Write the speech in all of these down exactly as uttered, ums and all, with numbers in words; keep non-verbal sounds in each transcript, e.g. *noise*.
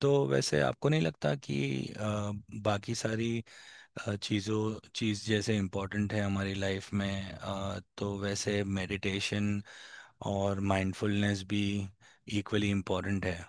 तो वैसे आपको नहीं लगता कि अ, बाकी सारी अ, चीज़ों चीज़ जैसे इम्पोर्टेंट है हमारी लाइफ में, अ, तो वैसे मेडिटेशन और माइंडफुलनेस भी इक्वली इम्पोर्टेंट है।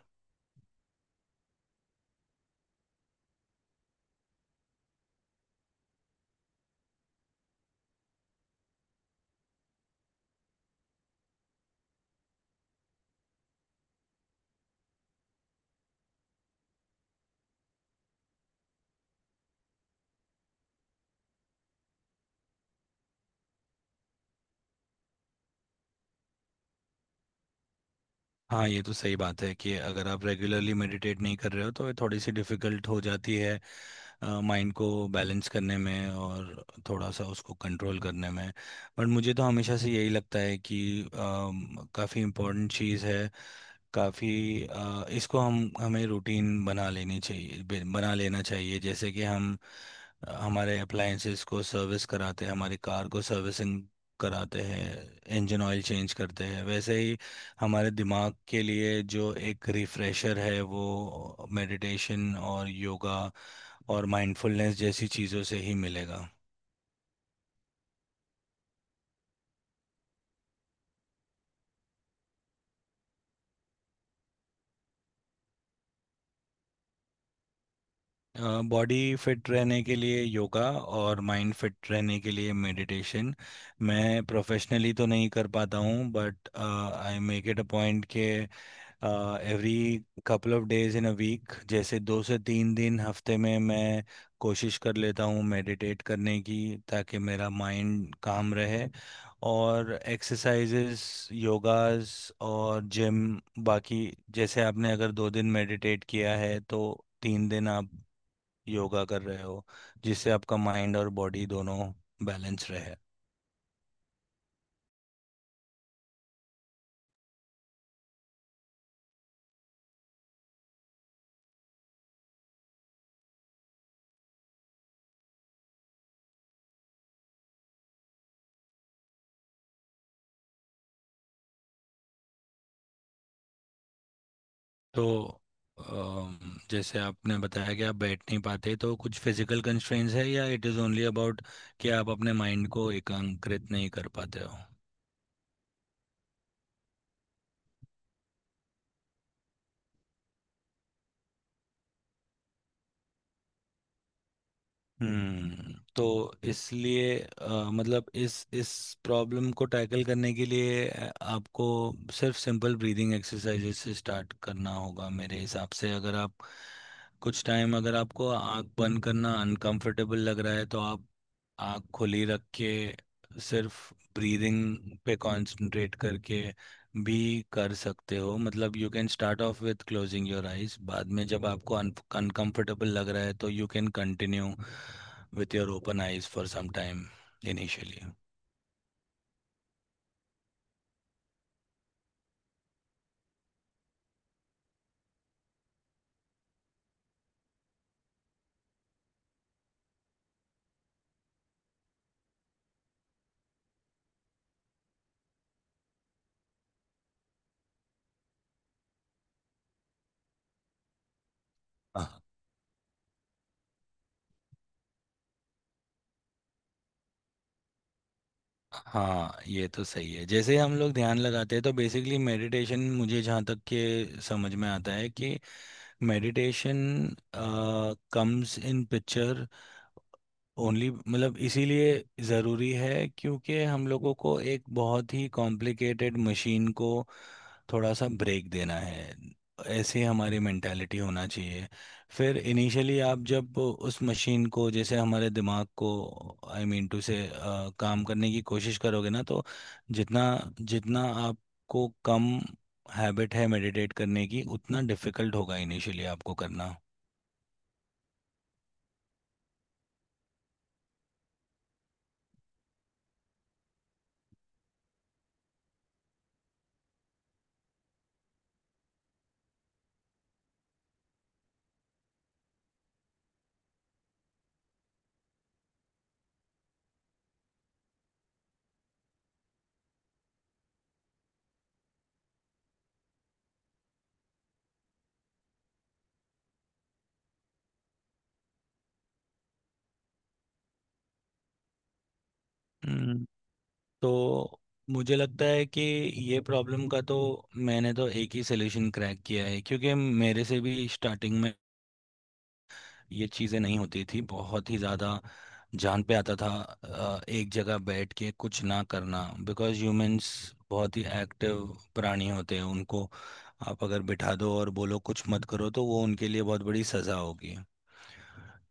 हाँ, ये तो सही बात है कि अगर आप रेगुलरली मेडिटेट नहीं कर रहे हो तो ये थोड़ी सी डिफिकल्ट हो जाती है माइंड को बैलेंस करने में, और थोड़ा सा उसको कंट्रोल करने में। बट मुझे तो हमेशा से यही लगता है कि काफ़ी इम्पोर्टेंट चीज़ है, काफ़ी। इसको हम हमें रूटीन बना लेनी चाहिए, बे- बना लेना चाहिए, जैसे कि हम अ, हमारे अप्लायंसेस को सर्विस कराते हैं, हमारी कार को सर्विसिंग कराते हैं, इंजन ऑयल चेंज करते हैं। वैसे ही हमारे दिमाग के लिए जो एक रिफ्रेशर है वो मेडिटेशन और योगा और माइंडफुलनेस जैसी चीज़ों से ही मिलेगा। बॉडी फिट रहने के लिए योगा, और माइंड फिट रहने के लिए मेडिटेशन। मैं प्रोफेशनली तो नहीं कर पाता हूँ, but I make it a point के every couple of days in a week, जैसे दो से तीन दिन हफ्ते में, मैं कोशिश कर लेता हूँ मेडिटेट करने की, ताकि मेरा माइंड काम रहे। और एक्सरसाइजेस, योगास और जिम बाकी। जैसे आपने अगर दो दिन मेडिटेट किया है तो तीन दिन आप योगा कर रहे हो, जिससे आपका माइंड और बॉडी दोनों बैलेंस रहे। तो अम, जैसे आपने बताया कि आप बैठ नहीं पाते, तो कुछ फिजिकल कंस्ट्रेंट्स है या इट इज़ ओनली अबाउट कि आप अपने माइंड को एकांकृत नहीं कर पाते हो। हम्म, तो इसलिए अ, मतलब इस इस प्रॉब्लम को टैकल करने के लिए अ, आपको सिर्फ सिंपल ब्रीदिंग एक्सरसाइजेज से स्टार्ट करना होगा। मेरे हिसाब से, अगर आप कुछ टाइम, अगर आपको आँख बंद करना अनकंफर्टेबल लग रहा है तो आप आँख खुली रख के सिर्फ ब्रीदिंग पे कंसंट्रेट करके भी कर सकते हो। मतलब you can start off with closing your eyes, बाद में जब आपको अनकंफर्टेबल लग रहा है तो you can continue with your open eyes for some time initially. हाँ हाँ, ये तो सही है। जैसे हम लोग ध्यान लगाते हैं तो बेसिकली मेडिटेशन, मुझे जहाँ तक के समझ में आता है कि meditation comes in picture only, मतलब इसीलिए ज़रूरी है, क्योंकि हम लोगों को एक बहुत ही कॉम्प्लिकेटेड मशीन को थोड़ा सा ब्रेक देना है, ऐसे हमारी मेंटालिटी होना चाहिए। फिर इनिशियली आप जब उस मशीन को, जैसे हमारे दिमाग को, आई मीन टू से, काम करने की कोशिश करोगे ना तो जितना जितना आपको कम हैबिट है मेडिटेट करने की, उतना डिफिकल्ट होगा इनिशियली आपको करना। हम्म, तो मुझे लगता है कि ये प्रॉब्लम का तो मैंने तो एक ही सलूशन क्रैक किया है, क्योंकि मेरे से भी स्टार्टिंग में ये चीज़ें नहीं होती थी बहुत ही ज़्यादा। जान पे आता था अ, एक जगह बैठ के कुछ ना करना। बिकॉज़ ह्यूमंस बहुत ही एक्टिव प्राणी होते हैं, उनको आप अगर बिठा दो और बोलो कुछ मत करो तो वो उनके लिए बहुत बड़ी सज़ा होगी।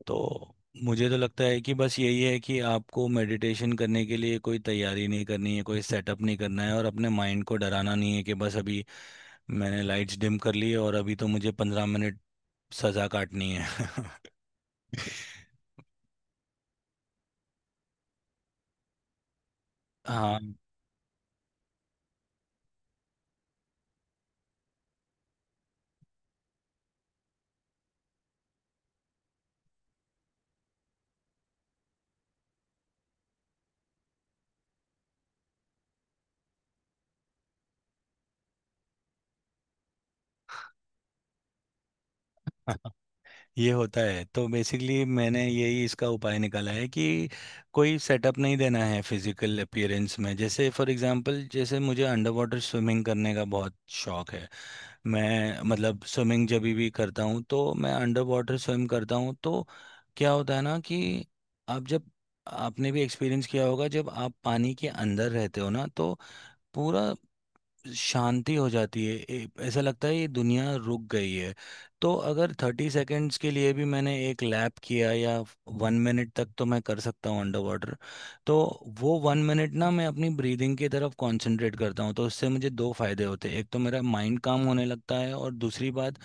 तो मुझे तो लगता है कि बस यही है कि आपको मेडिटेशन करने के लिए कोई तैयारी नहीं करनी है, कोई सेटअप नहीं करना है, और अपने माइंड को डराना नहीं है कि बस अभी मैंने लाइट्स डिम कर ली है और अभी तो मुझे पंद्रह मिनट सजा काटनी है। *laughs* हाँ, ये होता है। तो बेसिकली मैंने यही इसका उपाय निकाला है कि कोई सेटअप नहीं देना है फिजिकल अपीयरेंस में। जैसे फॉर एग्जांपल, जैसे मुझे अंडर वाटर स्विमिंग करने का बहुत शौक है। मैं मतलब स्विमिंग जब भी करता हूँ तो मैं अंडर वाटर स्विम करता हूँ, तो क्या होता है ना कि आप जब, आपने भी एक्सपीरियंस किया होगा जब आप पानी के अंदर रहते हो ना तो पूरा शांति हो जाती है, ए- ऐसा लगता है ये दुनिया रुक गई है। तो अगर थर्टी सेकेंड्स के लिए भी मैंने एक लैप किया या वन मिनट तक, तो मैं कर सकता हूँ अंडर वाटर। तो वो वन मिनट ना, मैं अपनी ब्रीदिंग की तरफ कंसंट्रेट करता हूँ, तो उससे मुझे दो फायदे होते हैं। एक तो मेरा माइंड काम होने लगता है, और दूसरी बात,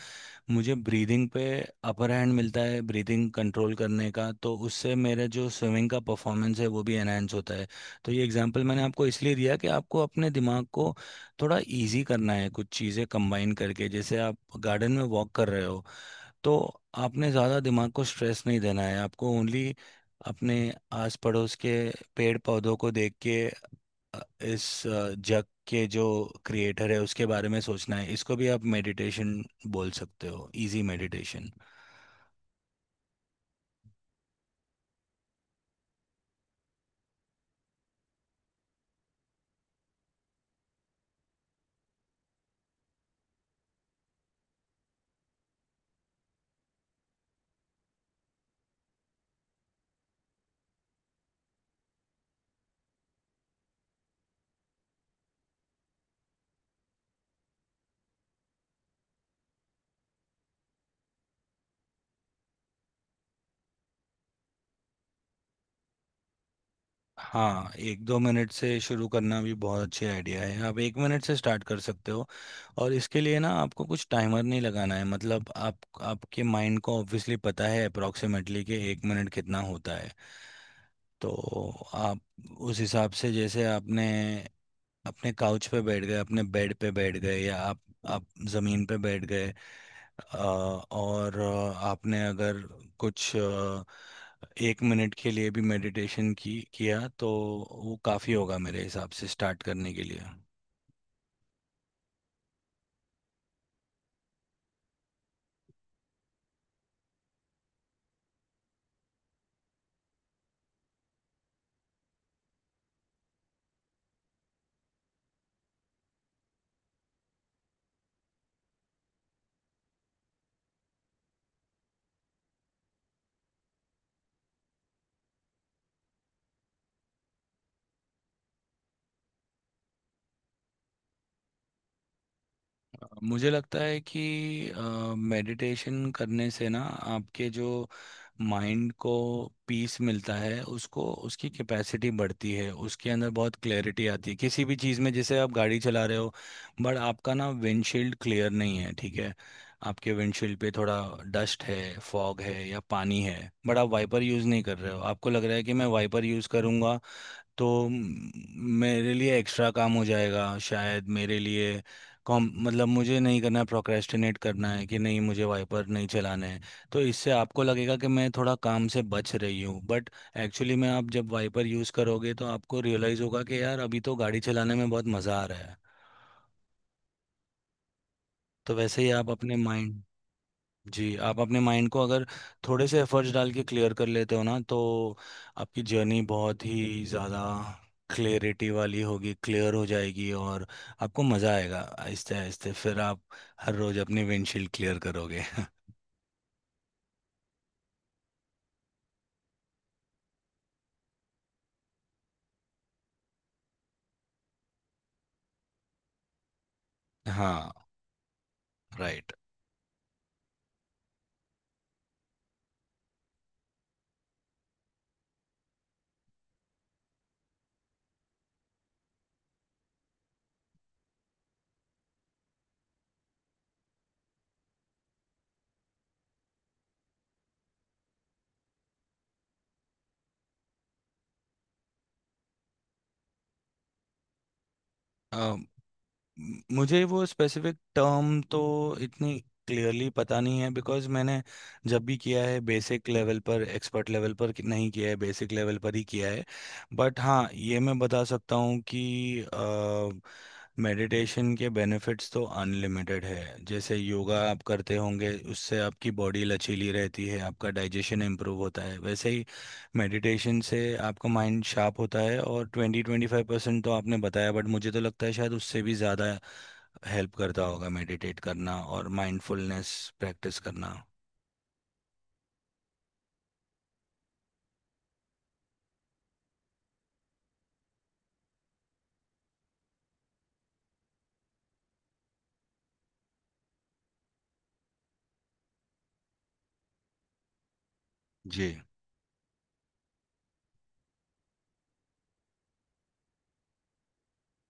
मुझे ब्रीदिंग पे अपर हैंड मिलता है ब्रीदिंग कंट्रोल करने का, तो उससे मेरा जो स्विमिंग का परफॉर्मेंस है वो भी एनहेंस होता है। तो ये एग्जांपल मैंने आपको इसलिए दिया कि आपको अपने दिमाग को थोड़ा इजी करना है, कुछ चीज़ें कंबाइन करके। जैसे आप गार्डन में वॉक कर रहे हो, तो आपने ज़्यादा दिमाग को स्ट्रेस नहीं देना है, आपको ओनली अपने आस पड़ोस के पेड़ पौधों को देख के इस अ, जग के जो क्रिएटर है उसके बारे में सोचना है। इसको भी आप मेडिटेशन बोल सकते हो, इजी मेडिटेशन। हाँ, एक दो मिनट से शुरू करना भी बहुत अच्छे आइडिया है। आप एक मिनट से स्टार्ट कर सकते हो, और इसके लिए ना आपको कुछ टाइमर नहीं लगाना है। मतलब आप, आपके माइंड को ऑब्वियसली पता है अप्रोक्सीमेटली कि एक मिनट कितना होता है। तो आप उस हिसाब से, जैसे आपने अपने काउच पे बैठ गए, अपने बेड पे बैठ गए, या आप आप जमीन पे बैठ गए, अ, और अ, आपने अगर कुछ अ, एक मिनट के लिए भी मेडिटेशन की किया तो वो काफ़ी होगा मेरे हिसाब से स्टार्ट करने के लिए। मुझे लगता है कि मेडिटेशन करने से ना आपके जो माइंड को पीस मिलता है, उसको, उसकी कैपेसिटी बढ़ती है, उसके अंदर बहुत क्लैरिटी आती है किसी भी चीज़ में। जैसे आप गाड़ी चला रहे हो बट आपका ना विंडशील्ड क्लियर नहीं है, ठीक है? आपके विंडशील्ड पे थोड़ा डस्ट है, फॉग है, या पानी है, बट आप वाइपर यूज़ नहीं कर रहे हो। आपको लग रहा है कि मैं वाइपर यूज़ करूँगा तो म- मेरे लिए एक्स्ट्रा काम हो जाएगा, शायद मेरे लिए कॉम मतलब मुझे नहीं करना है, प्रोक्रेस्टिनेट करना है कि नहीं मुझे वाइपर नहीं चलाना है। तो इससे आपको लगेगा कि मैं थोड़ा काम से बच रही हूँ, बट एक्चुअली में आप जब वाइपर यूज़ करोगे तो आपको रियलाइज़ होगा कि यार अभी तो गाड़ी चलाने में बहुत मज़ा आ रहा है। तो वैसे ही आप अपने माइंड, जी, आप अपने माइंड को अगर थोड़े से एफर्ट्स डाल के क्लियर कर लेते हो ना तो आपकी जर्नी बहुत ही ज़्यादा क्लियरिटी वाली होगी, क्लियर हो जाएगी, और आपको मज़ा आएगा आहिस्ते आहिस्ते। फिर आप हर रोज़ अपनी विंडशील्ड क्लियर करोगे। *laughs* हाँ, राइट। म- मुझे वो स्पेसिफिक टर्म तो इतनी क्लियरली पता नहीं है, बिकॉज मैंने जब भी किया है बेसिक लेवल पर, एक्सपर्ट लेवल पर कि- नहीं किया है, बेसिक लेवल पर ही किया है। बट हाँ, ये मैं बता सकता हूँ कि मेडिटेशन के बेनिफिट्स तो अनलिमिटेड है। जैसे योगा आप करते होंगे उससे आपकी बॉडी लचीली रहती है, आपका डाइजेशन इम्प्रूव होता है, वैसे ही मेडिटेशन से आपका माइंड शार्प होता है। और ट्वेंटी ट्वेंटी फाइव परसेंट तो आपने बताया, बट मुझे तो लगता है शायद उससे भी ज़्यादा हेल्प करता होगा मेडिटेट करना और माइंडफुलनेस प्रैक्टिस करना। जी।